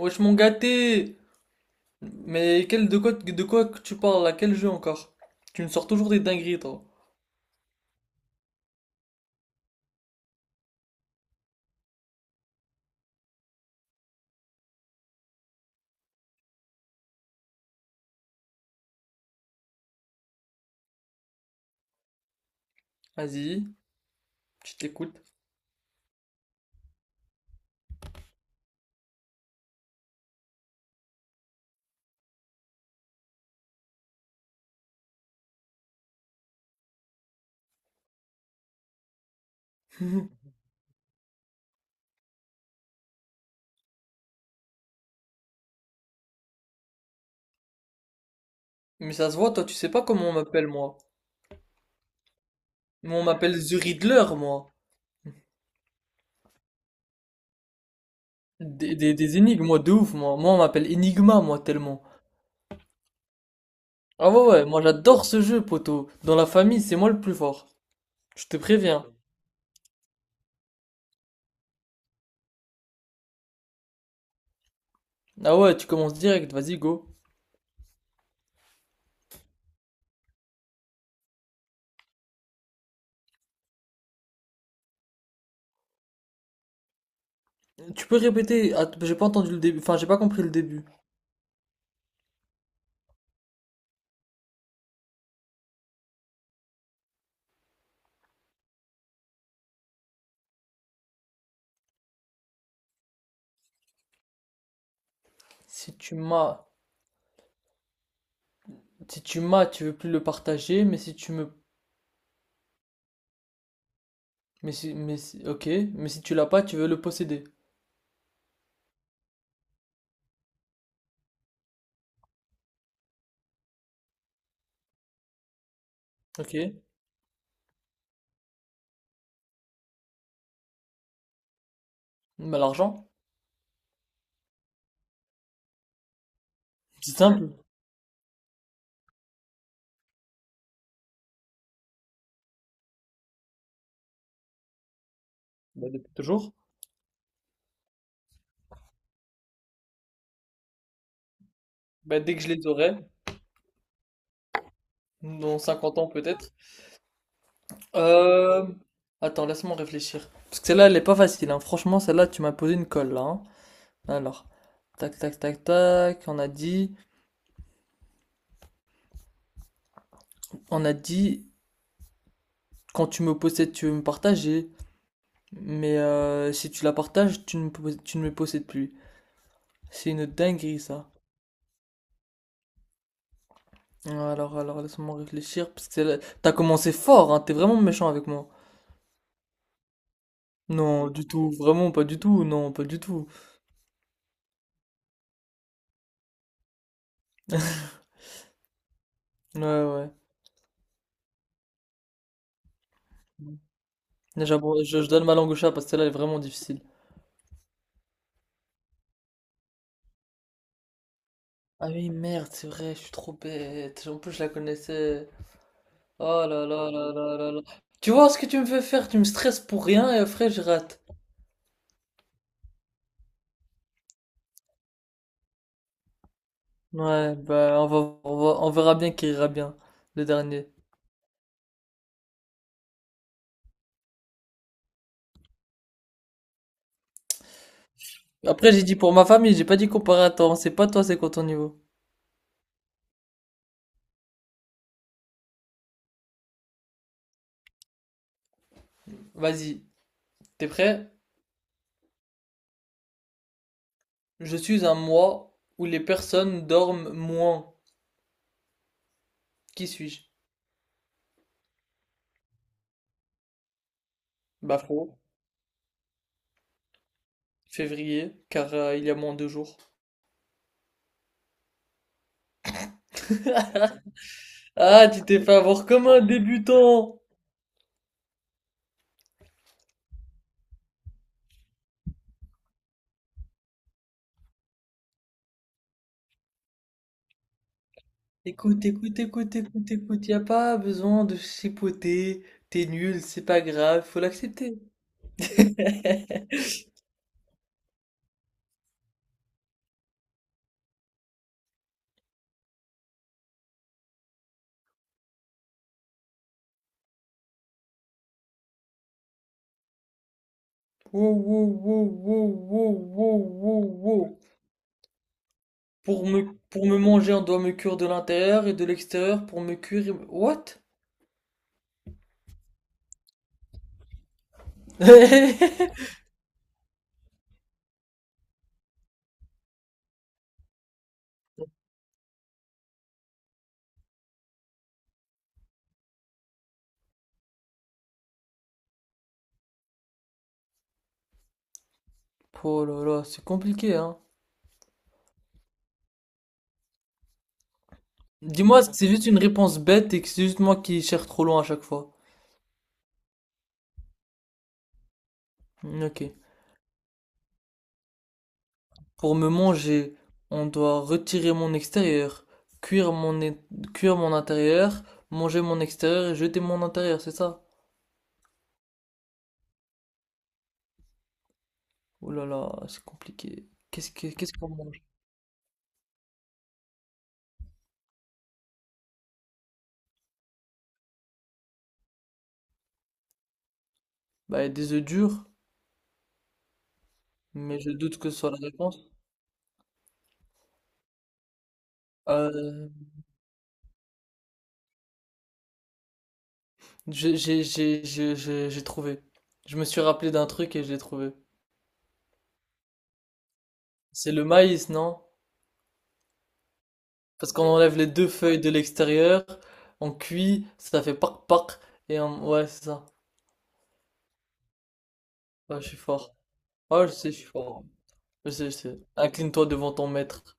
Wesh mon gâté! Mais quel, de quoi que tu parles là? Quel jeu encore? Tu me sors toujours des dingueries toi. Vas-y, je t'écoute. Mais ça se voit, toi tu sais pas comment on m'appelle moi. Moi on m'appelle The Riddler moi. Des énigmes moi de ouf moi. Moi on m'appelle Enigma moi tellement. Ah ouais ouais, moi j'adore ce jeu poteau. Dans la famille c'est moi le plus fort. Je te préviens. Ah ouais, tu commences direct, vas-y go. Tu peux répéter, ah, j'ai pas entendu le début, enfin j'ai pas compris le début. Si tu m'as... Si tu m'as, tu veux plus le partager, mais si tu me... Mais si... Ok, mais si tu l'as pas, tu veux le posséder. Ok, bah l'argent, c'est simple. Bah depuis toujours. Bah dès que je les aurai, dans 50 ans peut-être. Euh... Attends, laisse-moi réfléchir. Parce que celle-là, elle est pas facile, hein. Franchement, celle-là, tu m'as posé une colle, là. Hein. Alors, tac, tac, tac, tac, on a dit... On a dit, quand tu me possèdes, tu veux me partager. Mais si tu la partages, tu ne me possèdes plus. C'est une dinguerie, ça. Ouais. Alors, laisse-moi réfléchir, parce que t'as commencé fort, hein, t'es vraiment méchant avec moi. Non, du tout, vraiment pas du tout, non, pas du tout. Ouais, ouais. Là, je donne ma langue au chat parce que celle-là elle est vraiment difficile. Ah oui, merde, c'est vrai, je suis trop bête. En plus, je la connaissais. Oh là là là là là là. Tu vois ce que tu me fais faire, tu me stresses pour rien et après je rate. Ouais, bah on verra bien qui ira bien, le dernier. Après, j'ai dit pour ma famille, j'ai pas dit comparateur, c'est pas toi, c'est quoi ton niveau? Vas-y, t'es prêt? Je suis un mois où les personnes dorment moins. Qui suis-je? Bah faux. Février, car il y a moins de jours. Ah, tu t'es fait avoir comme un débutant! Écoute, écoute, écoute, écoute, écoute, y a pas besoin de chipoter. T'es nul, c'est pas grave, faut l'accepter. Wow, wow, wow, wow, wow, wow, wow, wow. Pour me manger, on doit me cuire de l'intérieur et de l'extérieur pour me cuire. Et- What? Oh là là, c'est compliqué, hein. Dis-moi que c'est juste une réponse bête et que c'est juste moi qui cherche trop loin à chaque fois. Hmm, ok. Pour me manger, on doit retirer mon extérieur, cuire mon, é- cuire mon intérieur, manger mon extérieur et jeter mon intérieur, c'est ça? Oh là là, c'est compliqué. Qu'est-ce qu'on mange? Bah, des œufs durs, mais je doute que ce soit la réponse. Euh, j'ai trouvé. Je me suis rappelé d'un truc et je l'ai trouvé. C'est le maïs, non? Parce qu'on enlève les deux feuilles de l'extérieur, on cuit, ça fait pac pac et ouais, c'est ça. Ouais, je suis fort. Ouais, je sais, je suis fort. Je sais, je sais. Incline-toi devant ton maître.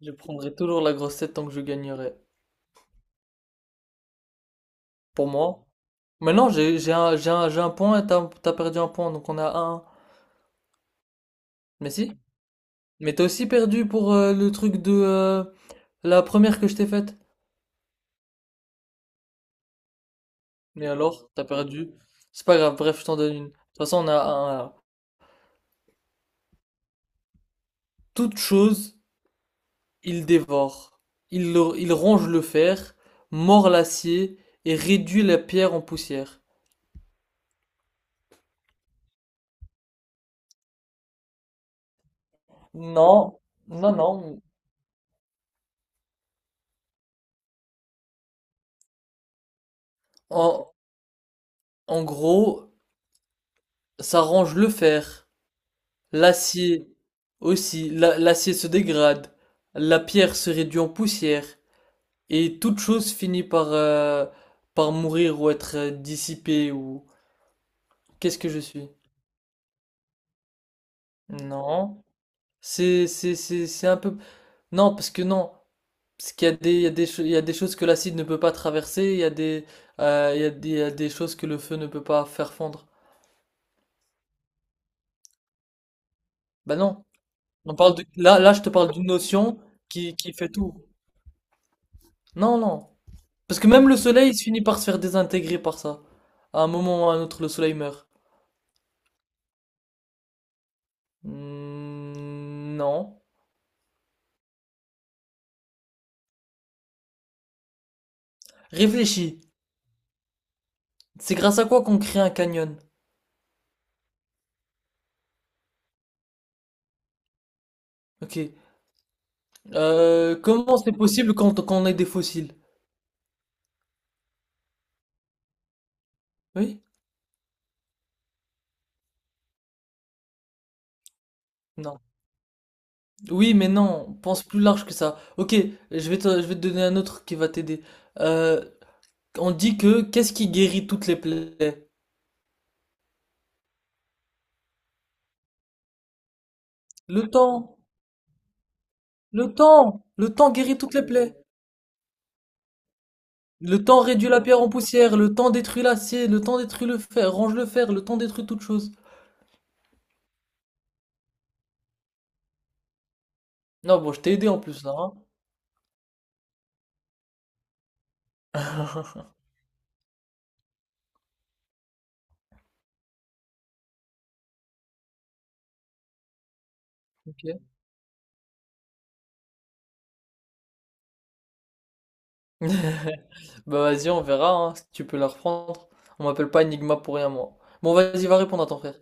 Je prendrai toujours la grosse tête tant que je gagnerai. Pour moi. Maintenant, j'ai un point et t'as perdu un point, donc on a un. Un. Mais si. Mais t'as aussi perdu pour le truc de la première que je t'ai faite. Mais alors, t'as perdu. C'est pas grave, bref, je t'en donne une. De toute façon, on a un. Un. Toute chose il dévore, il ronge le fer, mord l'acier et réduit la pierre en poussière. Non, non, non. En, en gros, ça ronge le fer, l'acier aussi. L'acier se dégrade, la pierre se réduit en poussière et toute chose finit par, par mourir ou être dissipée ou... Qu'est-ce que je suis? Non. C'est un peu... Non, parce que non. Parce qu'il y a des, il y a des choses que l'acide ne peut pas traverser, il y a des, il y a des, il y a des choses que le feu ne peut pas faire fondre. Ben non, on parle de, là, là, je te parle d'une notion qui fait tout. Non, non. Parce que même le soleil, il se finit par se faire désintégrer par ça. À un moment ou à un autre, le soleil meurt. Hmm, non. Réfléchis. C'est grâce à quoi qu'on crée un canyon? Ok. Comment c'est possible quand, quand on est des fossiles? Oui? Non. Oui, mais non, pense plus large que ça. Ok, je vais te donner un autre qui va t'aider. Euh, on dit que qu'est-ce qui guérit toutes les plaies? Le temps, le temps guérit toutes les plaies. Le temps réduit la pierre en poussière, le temps détruit l'acier, le temps détruit le fer, range le fer, le temps détruit toute chose. Non, bon, je t'ai aidé en plus là, hein. Ok. Bah vas-y, on verra, hein, si tu peux la reprendre. On m'appelle pas Enigma pour rien, moi. Bon, vas-y, va répondre à ton frère.